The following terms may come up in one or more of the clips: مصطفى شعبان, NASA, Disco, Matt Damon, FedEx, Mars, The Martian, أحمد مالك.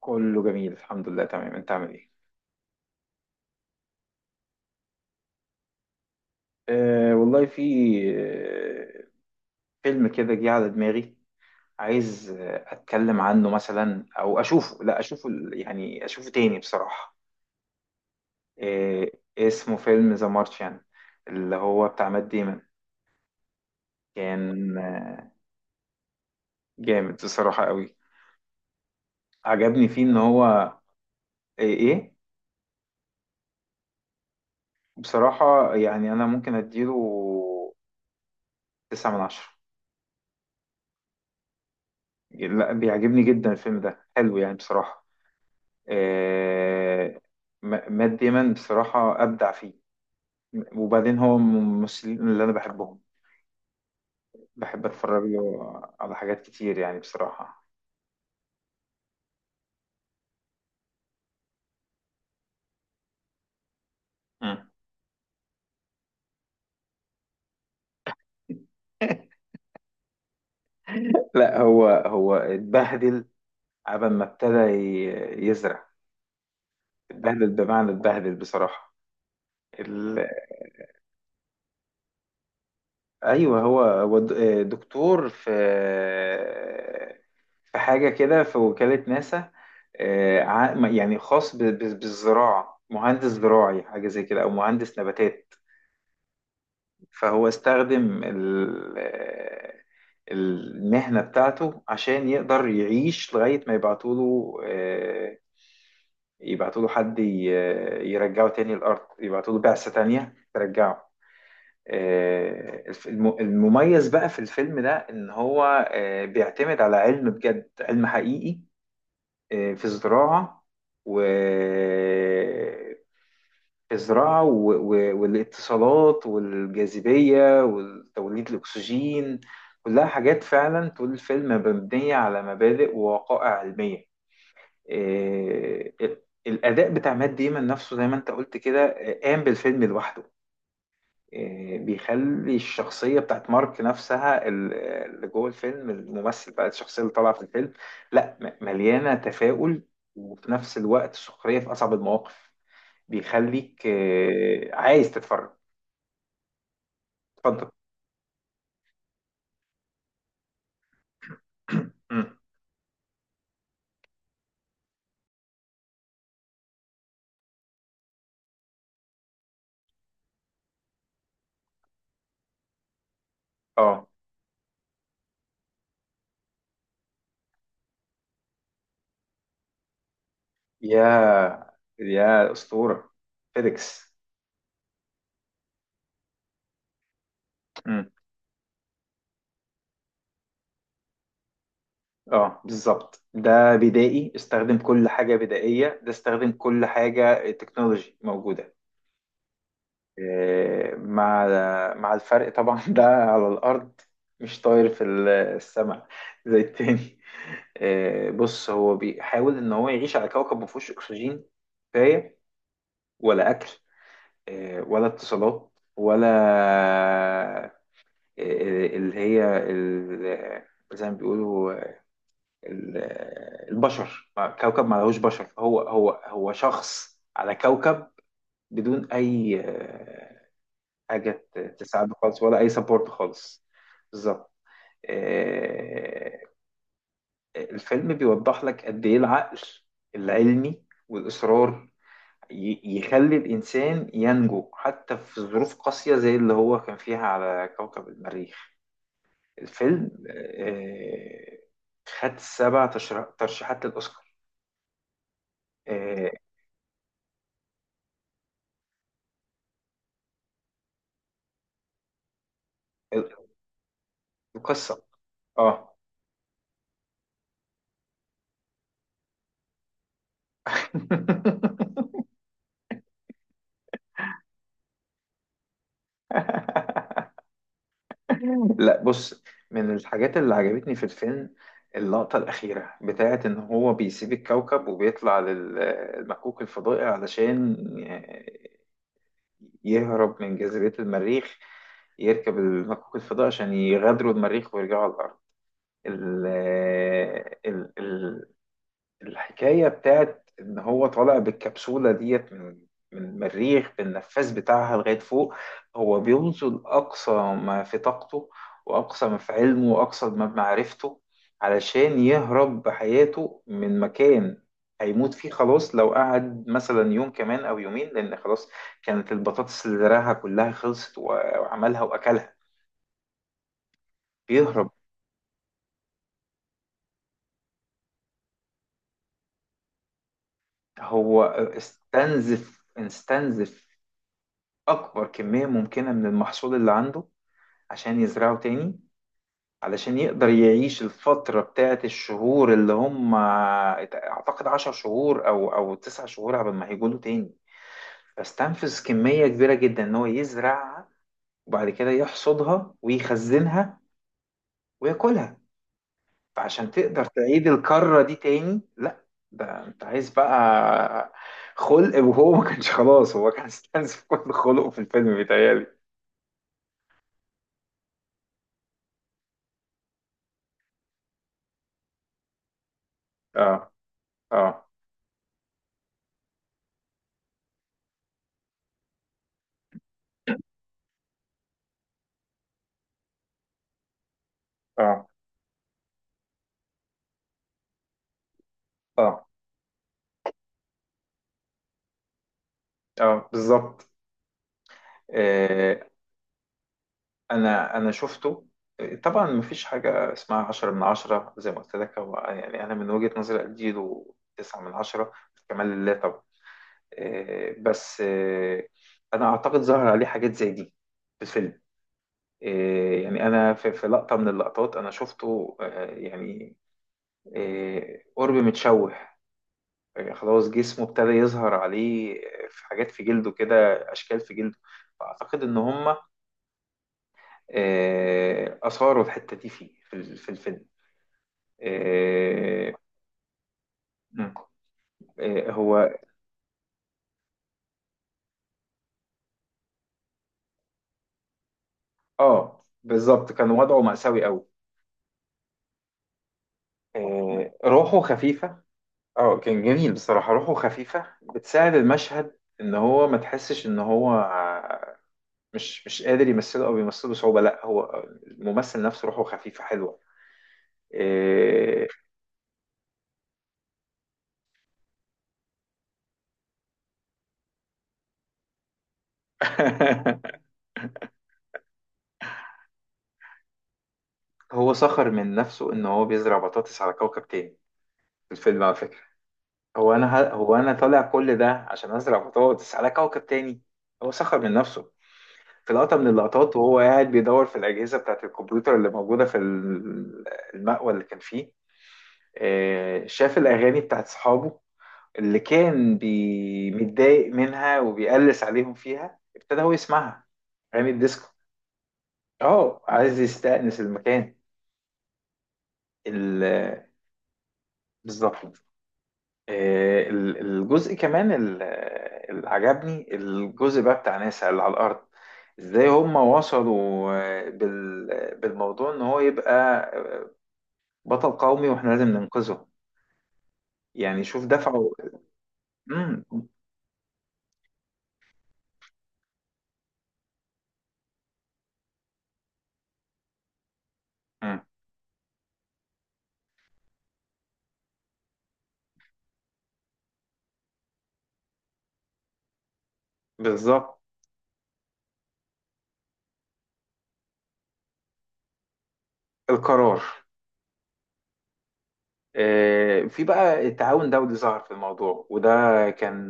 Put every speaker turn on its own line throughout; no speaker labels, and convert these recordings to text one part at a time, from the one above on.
كله جميل، الحمد لله. تمام، انت عامل ايه؟ والله، في آه، فيلم كده جه على دماغي. عايز اتكلم عنه مثلا او اشوفه، لا اشوفه يعني اشوفه تاني بصراحة. أه اسمه فيلم ذا مارشيان، اللي هو بتاع مات ديمون. كان جامد بصراحة قوي. عجبني فيه ان هو ايه ايه. بصراحة يعني انا ممكن اديله تسعة من عشرة. لا، بيعجبني جدا الفيلم ده، حلو يعني بصراحة. آه، مات ديمون بصراحة أبدع فيه. وبعدين هو من الممثلين اللي أنا بحبهم، بحب أتفرج له على حاجات كتير يعني بصراحة. مم. لا، هو اتبهدل عبال ما ابتدى يزرع. اتبهدل بمعنى اتبهدل بصراحة. ال- ايوه، هو دكتور في حاجه كده، في وكاله ناسا. يعني خاص بالزراعه، مهندس زراعي حاجه زي كده او مهندس نباتات. فهو استخدم المهنه بتاعته عشان يقدر يعيش لغايه ما يبعتوا له يبعتوا له حد يرجعه تاني الارض، يبعتوا له بعثه تانيه ترجعه. المميز بقى في الفيلم ده ان هو بيعتمد على علم بجد، علم حقيقي في الزراعة و والاتصالات والجاذبية وتوليد الأكسجين. كلها حاجات فعلا طول الفيلم مبنية على مبادئ ووقائع علمية. الأداء بتاع مات ديمون نفسه، زي ما أنت قلت كده، قام بالفيلم لوحده. بيخلي الشخصية بتاعت مارك نفسها، اللي جوه الفيلم، الممثل بقى، الشخصية اللي طالعة في الفيلم، لا، مليانة تفاؤل وفي نفس الوقت سخرية في أصعب المواقف. بيخليك عايز تتفرج. اتفضل. مم. اه، يا يا أسطورة، فيديكس. مم. اه بالظبط، ده بدائي استخدم كل حاجة بدائية، ده استخدم كل حاجة تكنولوجي موجودة. مع الفرق طبعا. ده على الأرض، مش طاير في السماء زي التاني. بص، هو بيحاول إن هو يعيش على كوكب مفهوش أكسجين كفاية، ولا أكل ولا اتصالات، ولا اللي هي زي ما بيقولوا ال- البشر، كوكب ما لهوش بشر، هو شخص على كوكب بدون أي حاجة تساعده خالص، ولا أي سبورت خالص. بالظبط. آه، الفيلم بيوضح لك قد إيه العقل العلمي والإصرار يخلي الإنسان ينجو حتى في ظروف قاسية زي اللي هو كان فيها على كوكب المريخ. الفيلم خد سبع ترشيحات للأوسكار. آه، القصة. آه لا بص، من الحاجات اللي عجبتني في الفيلم اللقطة الأخيرة بتاعة إن هو بيسيب الكوكب وبيطلع للمكوك الفضائي علشان يهرب من جاذبية المريخ، يركب المكوك الفضائي عشان يغادروا المريخ ويرجعوا على الأرض. ال- ال- الحكاية بتاعت إن هو طالع بالكبسولة ديت من المريخ بالنفاث بتاعها لغاية فوق. هو بيبذل أقصى ما في طاقته وأقصى ما في علمه وأقصى ما بمعرفته علشان يهرب بحياته من مكان هيموت فيه خلاص، لو قعد مثلا يوم كمان أو يومين، لأن خلاص كانت البطاطس اللي زرعها كلها خلصت وعملها وأكلها. بيهرب. هو استنزف أكبر كمية ممكنة من المحصول اللي عنده عشان يزرعوا تاني. علشان يقدر يعيش الفترة بتاعت الشهور، اللي هم أعتقد 10 شهور أو 9 شهور قبل ما هيجوا له تاني. فاستنفذ كمية كبيرة جدا إن هو يزرعها، وبعد كده يحصدها ويخزنها وياكلها، فعشان تقدر تعيد الكرة دي تاني لا، ده أنت عايز بقى خلق، وهو ما كانش خلاص، هو كان استنزف كل خلقه في الفيلم بيتهيألي. اه، اه، اه، اه، اه بالظبط. آه، انا شفته. طبعا مفيش حاجة اسمها عشرة من عشرة زي ما قلت لك، هو يعني أنا من وجهة نظري أديله تسعة من عشرة، كمال لله طبعا. بس أنا أعتقد ظهر عليه حاجات زي دي في الفيلم. يعني أنا في لقطة من اللقطات أنا شفته يعني قرب متشوه، خلاص جسمه ابتدى يظهر عليه في حاجات في جلده كده، أشكال في جلده. فأعتقد إن هما أثاروا الحتة دي فيه في الفيلم. آه، مم. هو. اه بالظبط، كان وضعه مأساوي قوي. روحه خفيفة، اه كان جميل بصراحة، روحه خفيفة بتساعد المشهد ان هو ما تحسش ان هو مش قادر يمثله او بيمثله بصعوبة، لا، هو الممثل نفسه روحه خفيفة حلوة. آه، هو سخر من نفسه ان هو بيزرع بطاطس على كوكب تاني في الفيلم، على فكرة. هو انا طالع كل ده عشان ازرع بطاطس على كوكب تاني. هو سخر من نفسه في لقطة من اللقطات، وهو قاعد بيدور في الأجهزة بتاعة الكمبيوتر اللي موجودة المأوى اللي كان فيه. شاف الأغاني بتاعة صحابه اللي كان متضايق منها وبيقلس عليهم فيها، ابتدى هو يسمعها، أغاني الديسكو. اه، عايز يستأنس المكان. ال- بالظبط. الجزء كمان، اللي عجبني الجزء بقى بتاع ناسا اللي على الأرض، ازاي هم وصلوا بالموضوع ان هو يبقى بطل قومي واحنا لازم ننقذه. يعني شوف دفعه. مم. مم. بالظبط. القرار. في بقى التعاون دولي ظهر في الموضوع، وده كان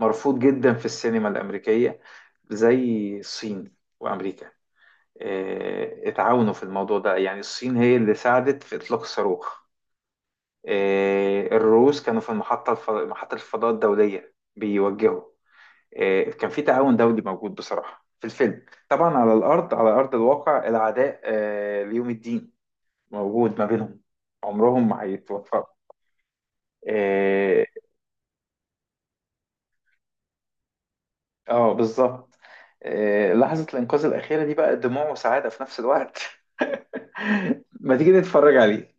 مرفوض جدا في السينما الأمريكية، زي الصين وأمريكا اتعاونوا في الموضوع ده، يعني الصين هي اللي ساعدت في إطلاق الصاروخ. الروس كانوا في المحطة محطة الفضاء الدولية بيوجهوا. كان في تعاون دولي موجود بصراحة في الفيلم، طبعا على الأرض، على أرض الواقع العداء ليوم الدين موجود ما بينهم، عمرهم ما هيتوفقوا. اه بالظبط. لحظة الإنقاذ الأخيرة دي بقى دموع وسعادة في نفس الوقت. ما تيجي نتفرج عليه؟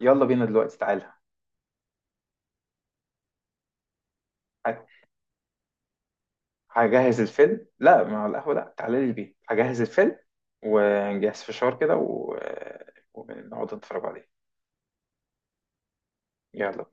يلا بينا دلوقتي، تعالى. ه- هجهز الفيلم، لا مع القهوة، لا، تعالى لي البيت هجهز الفيلم، ونجهز فشار كده و... ونقعد نتفرج عليه. يلا.